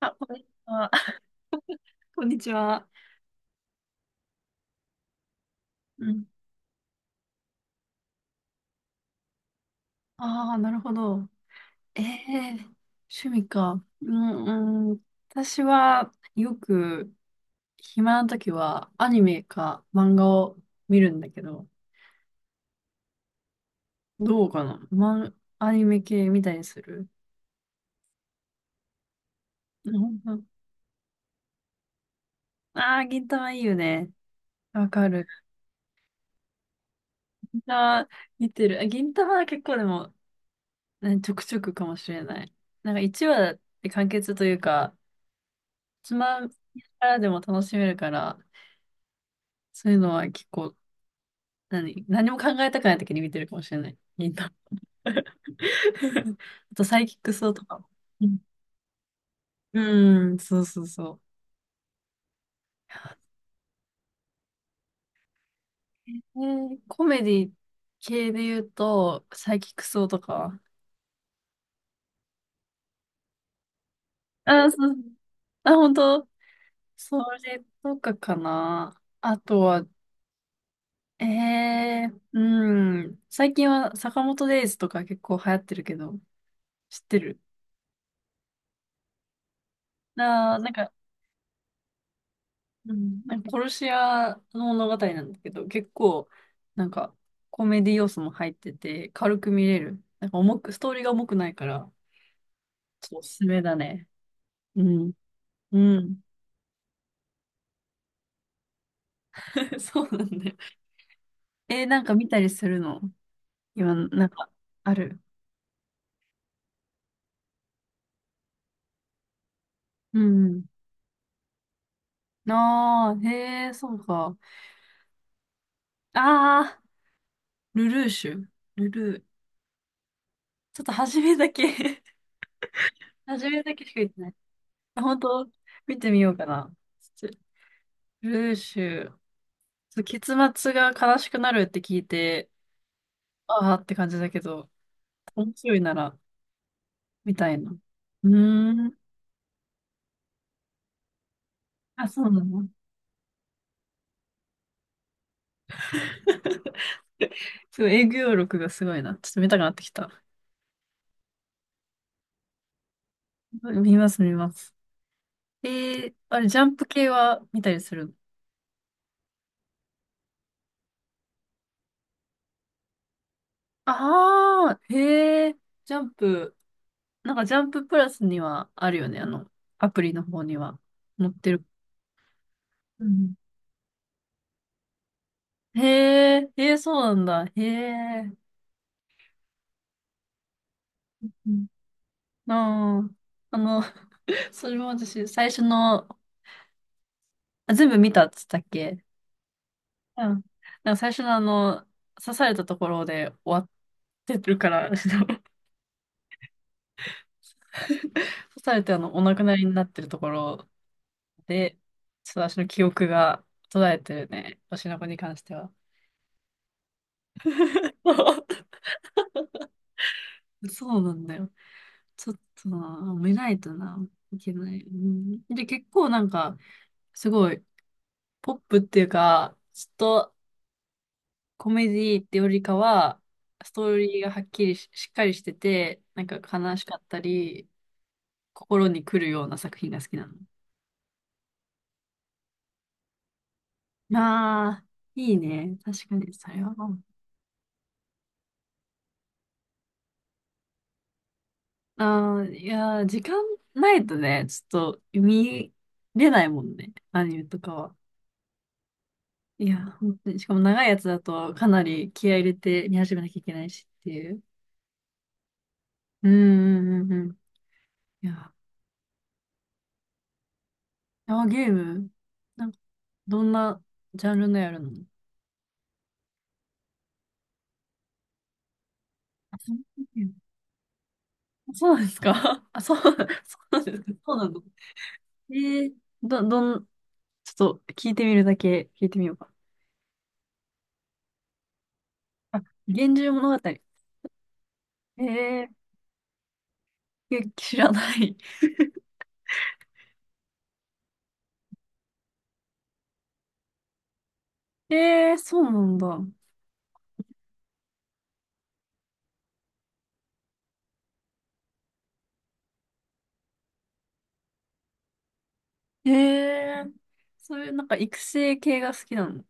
あ、こんにちは。こんにちは。うん。ああ、なるほど。ええ、趣味か。うん、うん。私はよく暇な時はアニメか漫画を見るんだけど、どうかな。アニメ系見たりする？ああー、銀魂いいよね。わかる。銀魂見てる。あ、銀魂は結構でも、ね、ちょくちょくかもしれない。なんか1話で完結というか、つまみからでも楽しめるから、そういうのは結構、何も考えたくない時に見てるかもしれない。銀魂。 あとサイキックスとかも。うん、うん、そうそうそう。コメディ系で言うと、サイキックスとか。あ、そう。あ、本当。それとかかな。あとは、うん。最近は坂本デイズとか結構流行ってるけど、知ってる？あー、なんか、うん、なんか殺し屋の物語なんだけど、結構、なんか、コメディ要素も入ってて、軽く見れる。なんか重く、ストーリーが重くないから、ちょっとおすすめだね。うん。うん。そうなんだよ。なんか見たりするの今、なんか、ある？うん。ああ、へえ、そうか。ああ、ルルーシュ。ルルー。ちょっと初めだけ。 初めだけしか言ってない。あ、本当？見てみようかな。ちょルルーシュ。結末が悲しくなるって聞いて、ああって感じだけど、面白いなら、みたいな。うーん。あ、そうなの。すごい、営業力がすごいな。ちょっと見たくなってきた。見ます、見ます。あれ、ジャンプ系は見たりするの？ああー、へえ、ジャンプ、なんかジャンププラスにはあるよね、アプリの方には載ってる。うん。へえ、へえ、そうなんだ。へえ。うん。ああ、あの、それも私、最初の、あ、全部見たっつったっけ？うん。なんか最初のあの、刺されたところで終わってるから、ちょっと 刺されてあの、お亡くなりになってるところで、ちょっと私の記憶が途絶えてるね。推の子に関しては。そうなんだよ。ちょっとな、見ないとな、いけない。うん、で、結構なんか、すごい、ポップっていうか、ちょっとコメディってよりかは、ストーリーがはっきりし、しっかりしてて、なんか悲しかったり、心に来るような作品が好きなの。ああ、いいね。確かに、それは。ああ、いやー、時間ないとね、ちょっと見れないもんね。アニメとかは。いやー、本当に。しかも長いやつだとかなり気合い入れて見始めなきゃいけないしっていう。うんうんうんうん。いやー、ゲームなんか、どんなジャンルのやるの？あ、そういうゲーム？そうなんですか？ あ、そう、そうなんですか？そうなの？えー、ど、どん、ちょっと聞いてみるだけ聞いてみようか。あ、源氏物語。ー、え、知らない。そうなんだ。えー、そういうなんか育成系が好きなの？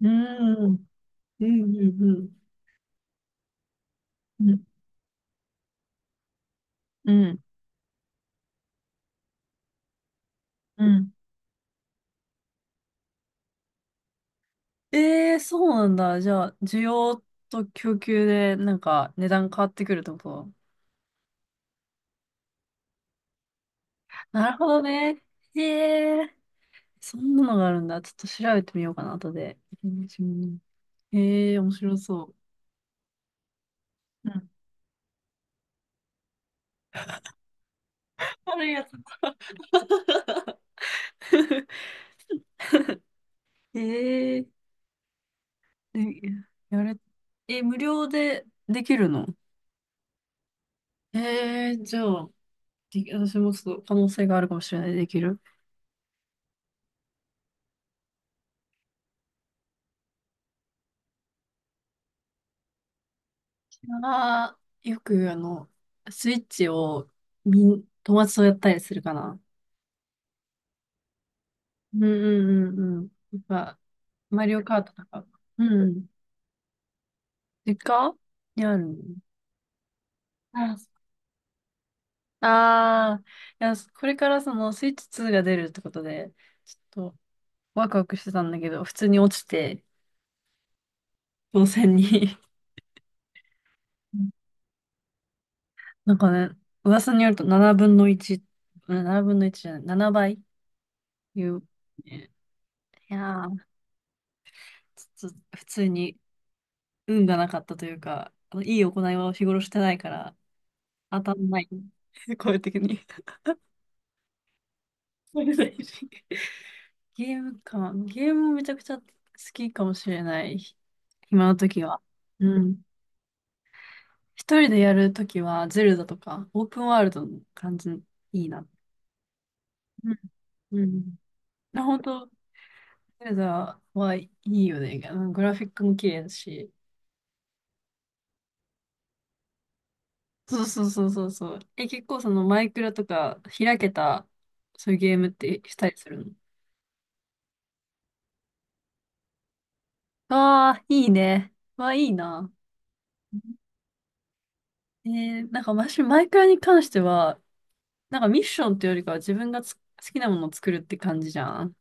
うーん、うん、うん、うん、うん、うん。そうなんだ。じゃあ、需要と供給でなんか値段変わってくるってこと？なるほどね。へえ。そんなのがあるんだ。ちょっと調べてみようかな、後で。うん。へえー、面白そう。うん。悪いやつ。へえー、で、やれ、え、無料でできるの？へえー、じゃあ、で私もちょっと可能性があるかもしれない、できる。ああ、よくあの、スイッチを友達とやったりするかな。うんうんうんうん。やっぱ、マリオカートとか。うん。実家にあるの？あああ、いや、これからそのスイッチ2が出るってことで、ちょっとワクワクしてたんだけど、普通に落ちて、当選に。うん。なんかね、噂によると7分の1、うん7分の1じゃない、7倍いいう。ね。いやー、ちょっと普通に運がなかったというか、あのいい行いを日頃してないから、当たんない。声的に。これ大事。ゲームか。ゲームもめちゃくちゃ好きかもしれない。暇の時は。うん。一人でやるときは、ゼルダとか、オープンワールドの感じ、いいな。うん。うんな。本当、ゼルダはいいよね。あのグラフィックも綺麗だし。そうそうそうそうそう。え、結構そのマイクラとか開けた、そういうゲームってしたりするの？ああ、いいね。わ、いいな。なんか私、マイクラに関しては、なんかミッションっていうよりかは自分が好きなものを作るって感じじゃん。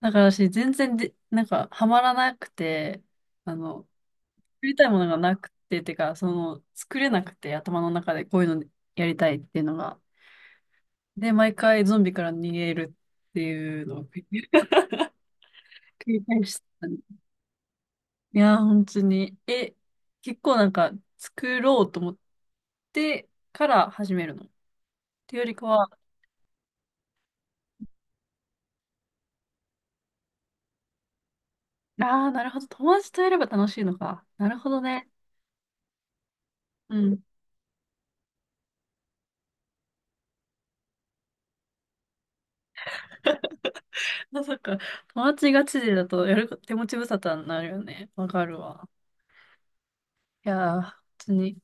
だから私、全然で、なんか、ハマらなくて、あの、作りたいものがなくて、てか、作れなくて、頭の中でこういうのやりたいっていうのが。で、毎回ゾンビから逃げるっていうのを 繰り返してたね。いやー、本当に。え、結構なんか、作ろうと思ってから始めるの。っていうよりかは、ああ、なるほど。友達とやれば楽しいのか。なるほどね。うん。まさか、友達がチでだとやる手持ち無沙汰になるよね。わかるわ。いやー、本当に。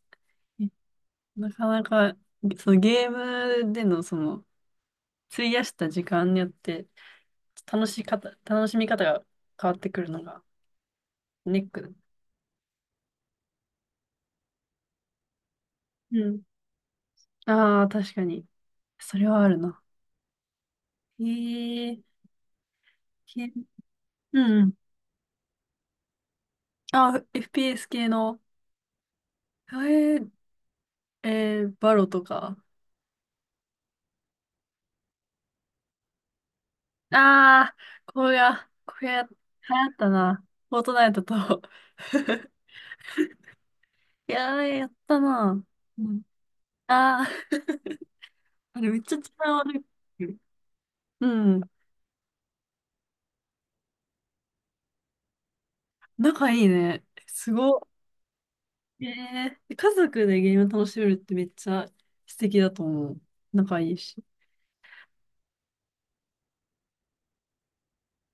なかなか、そのゲームでのその、費やした時間によって、楽しみ方が変わってくるのがネック。うん。ああ、確かに。それはあるな。へえ、けうんうん。あ、FPS 系の、えー、バロとか。ああ、これが流行ったな。フォートナイトと。いやー、やったな。うん、ああ、あれめっちゃ力悪い。うん。仲いいね。すごい。家族でゲーム楽しめるってめっちゃ素敵だと思う。仲いいし。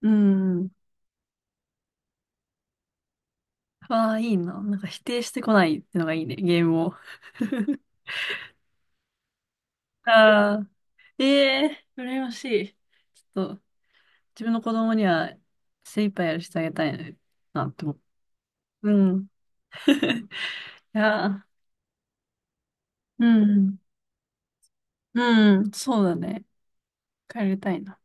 うん。ああ、いいな。なんか否定してこないってのがいいね、ゲームを。ああ、ええー、羨ましい。ちょっと、自分の子供には精一杯やらせてあげたいなって思う。うん。いやー、うんうん。うんうん、そうだね。帰りたいな。